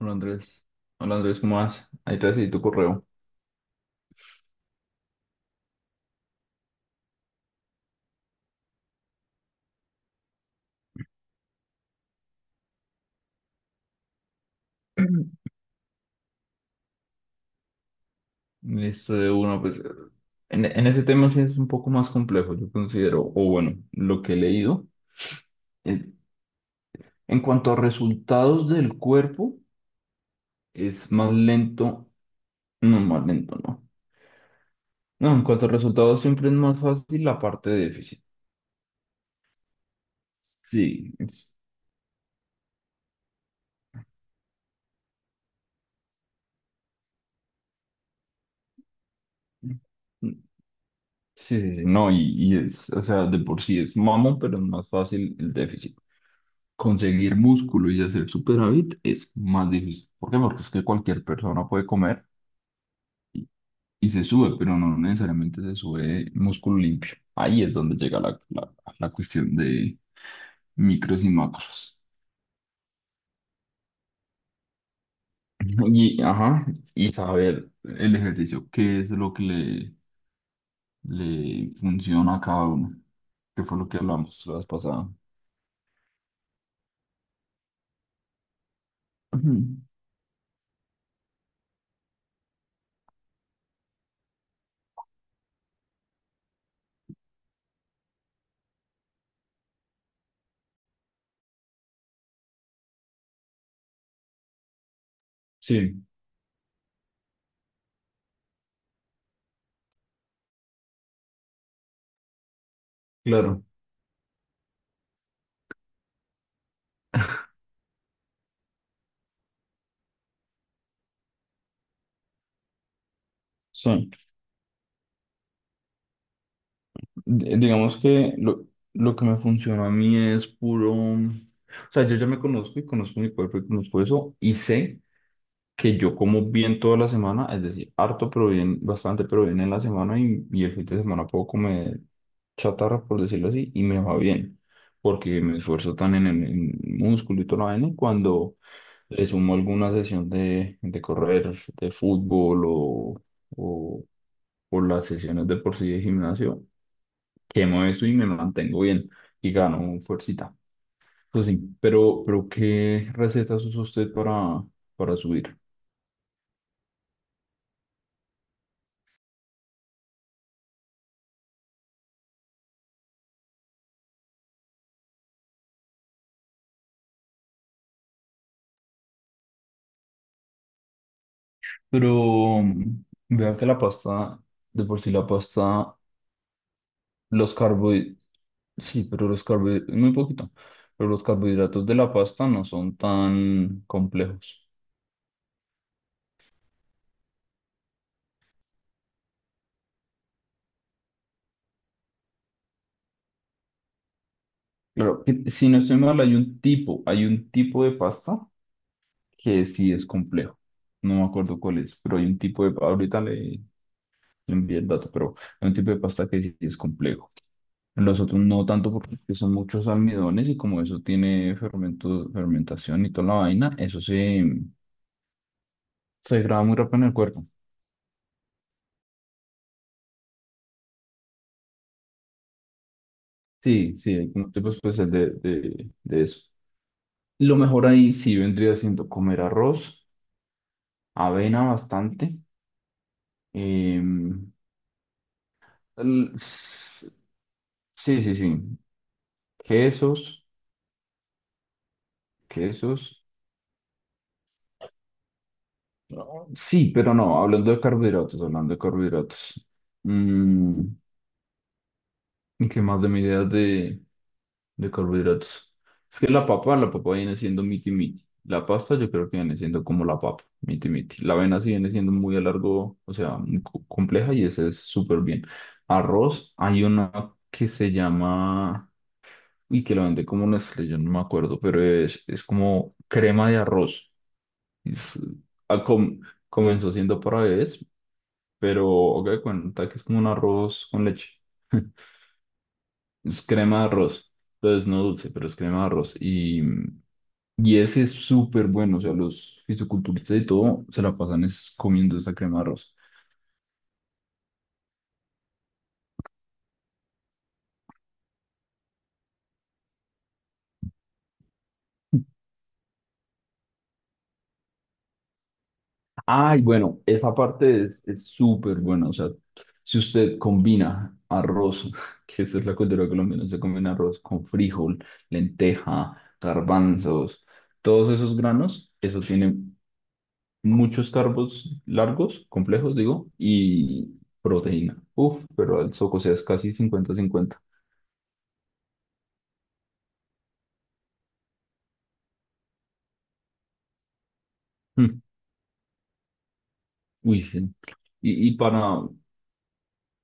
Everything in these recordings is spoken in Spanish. Hola Andrés, hola Andrés, ¿cómo vas? Ahí te recibí tu correo. Listo, de uno, pues en ese tema sí es un poco más complejo. Yo considero, o bueno, lo que he leído. En, en cuanto a resultados del cuerpo, es más lento, no, más lento, no. No, en cuanto a resultados siempre es más fácil la parte de déficit. Sí, sí, sí, sí, no, y es, o sea, de por sí es mamón, pero es más fácil el déficit. Conseguir músculo y hacer superávit es más difícil. ¿Por qué? Porque es que cualquier persona puede comer y se sube, pero no necesariamente se sube músculo limpio. Ahí es donde llega la cuestión de micros y macros. Y, ajá, y saber el ejercicio, qué es lo que le funciona a cada uno, que fue lo que hablamos la vez pasada. Ujú. Sí, claro. Sí. Digamos que lo que me funcionó a mí es puro. O sea, yo ya me conozco y conozco mi cuerpo y conozco eso, y sé que yo como bien toda la semana, es decir, harto pero bien, bastante pero bien en la semana, y el fin de semana puedo comer chatarra, por decirlo así, y me va bien, porque me esfuerzo tan en el en músculo y toda la vaina, y cuando le sumo alguna sesión de correr, de fútbol o, o las sesiones de por sí de gimnasio, quemo eso y me mantengo bien y gano fuercita. Eso sí, pero, ¿qué recetas usa usted para subir? Pero vea que la pasta, de por sí la pasta, los carbohidratos, sí, pero los carbohidratos, muy poquito, pero los carbohidratos de la pasta no son tan complejos. Claro, que si no estoy mal, hay un tipo de pasta que sí es complejo. No me acuerdo cuál es, pero hay un tipo de, ahorita le envía el dato, pero hay un tipo de pasta que sí es complejo. Los otros no tanto, porque son muchos almidones y como eso tiene fermento, fermentación y toda la vaina, eso se degrada muy rápido en el cuerpo. Sí, sí, hay como tipos especial de eso. Lo mejor ahí sí vendría siendo comer arroz, avena bastante. em, el- sí, sí, sí. Quesos, quesos. No, sí, pero no, hablando de carbohidratos, hablando de carbohidratos. mm, ¿Y qué más de mi idea de carbohidratos? Es que la papa viene siendo miti miti. La pasta yo creo que viene siendo como la papa, miti miti. La avena sí viene siendo muy a largo, o sea, muy compleja, y ese es súper bien. Arroz, hay una que se llama, y que la vende como Nestlé, yo no me acuerdo, pero es como crema de arroz. Es- ah, com- comenzó siendo para bebés, pero haga de cuenta que es como un arroz con leche. Es crema de arroz. Entonces no dulce, pero es crema de arroz. Y ese es súper bueno. O sea, los fisiculturistas y todo se la pasan es comiendo esa crema de arroz. Ay, bueno, esa parte es súper buena. O sea, si usted combina arroz, que esa es la cultura colombiana, se combina arroz con frijol, lenteja, garbanzos, todos esos granos, eso tiene muchos carbos largos, complejos, digo, y proteína. Uf, pero el soco, o sea, es casi 50/50. Mm, uy, sí. Y, y para,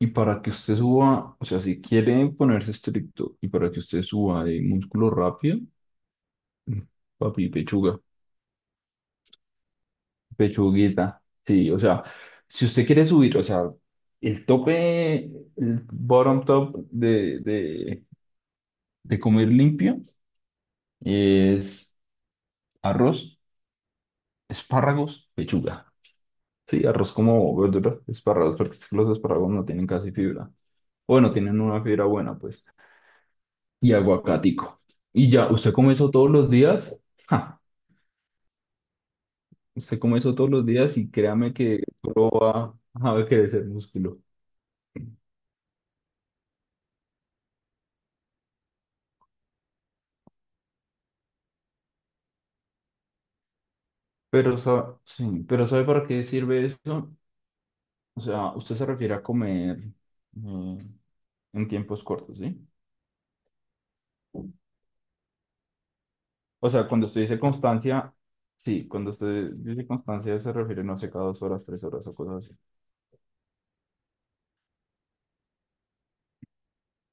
y para que usted suba, o sea, si quiere ponerse estricto y para que usted suba de músculo rápido, mm, papi, pechuga, pechuguita. Sí, o sea, si usted quiere subir, o sea, el tope, el bottom top de comer limpio es arroz, espárragos, pechuga. Sí, arroz como verdura, espárragos, porque es que los espárragos no tienen casi fibra. Bueno, tienen una fibra buena, pues. Y aguacatico. Y ya, ¿usted come eso todos los días? Ja, usted come eso todos los días y créame que solo va a crecer músculo. Pero, sí, pero ¿sabe para qué sirve eso? O sea, usted se refiere a comer mm, en tiempos cortos, ¿sí? O sea, cuando usted dice constancia, sí, cuando usted dice constancia se refiere, no sé, cada 2 horas, 3 horas o cosas así.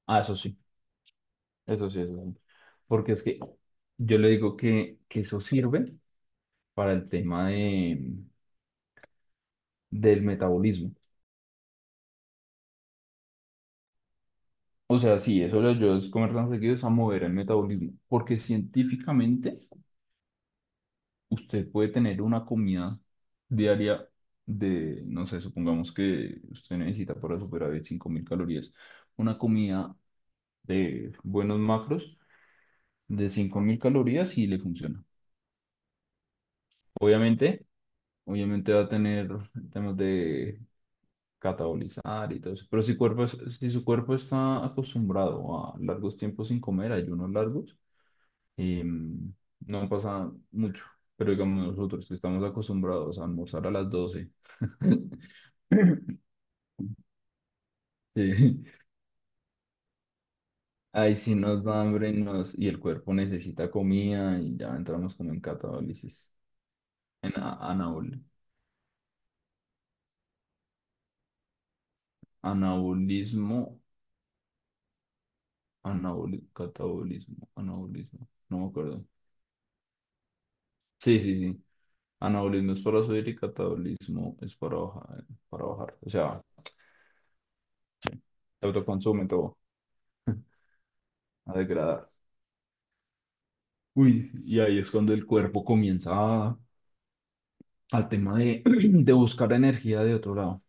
Ah, eso sí, eso sí, eso sí. Porque es que yo le digo que eso sirve para el tema del metabolismo. O sea, sí, eso lo ayuda a comer tan seguido es a mover el metabolismo. Porque científicamente usted puede tener una comida diaria de, no sé, supongamos que usted necesita para superar 5.000 calorías, una comida de buenos macros de 5.000 calorías, y le funciona. Obviamente, obviamente va a tener temas de catabolizar y todo eso, pero si su cuerpo está acostumbrado a largos tiempos sin comer, ayunos largos, no pasa mucho. Pero digamos nosotros que estamos acostumbrados a almorzar a las 12. Sí, ahí sí nos da hambre, y el cuerpo necesita comida y ya entramos como en catabolisis, en anabolismo. Catabolismo, anabolismo, no me acuerdo. Sí, sí, sí. Anabolismo es para subir y catabolismo es para bajar, para bajar. O sea, se autoconsume todo, a degradar. Uy, y ahí es cuando el cuerpo comienza al tema de, de buscar energía de otro lado.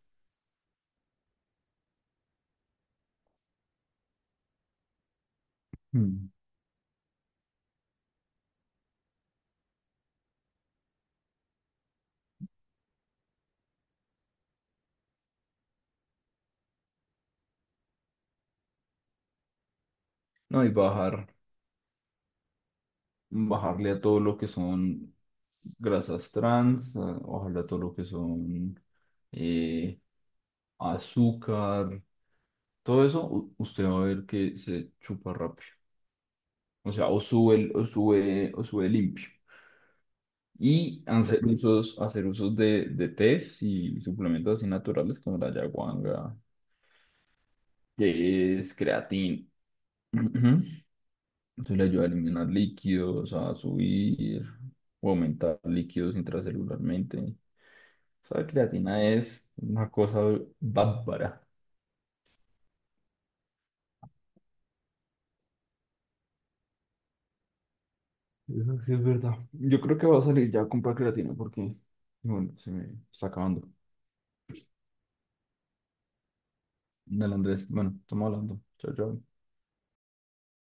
Mm. No, y bajar, bajarle a todo lo que son grasas trans, bajarle a todo lo que son eh, azúcar. Todo eso usted va a ver que se chupa rápido. O sea, o sube, o sube, o sube limpio. Y hacer usos de tés y suplementos así naturales como la ayahuasca, que es creatina. Ujú. Eso le ayuda a eliminar líquidos, a subir o aumentar líquidos intracelularmente. Esa creatina es una cosa bárbara. Eso sí es verdad. Yo creo que va a salir ya a comprar creatina porque, bueno, se me está acabando. Dale, Andrés. Bueno, estamos hablando. Chao, chao.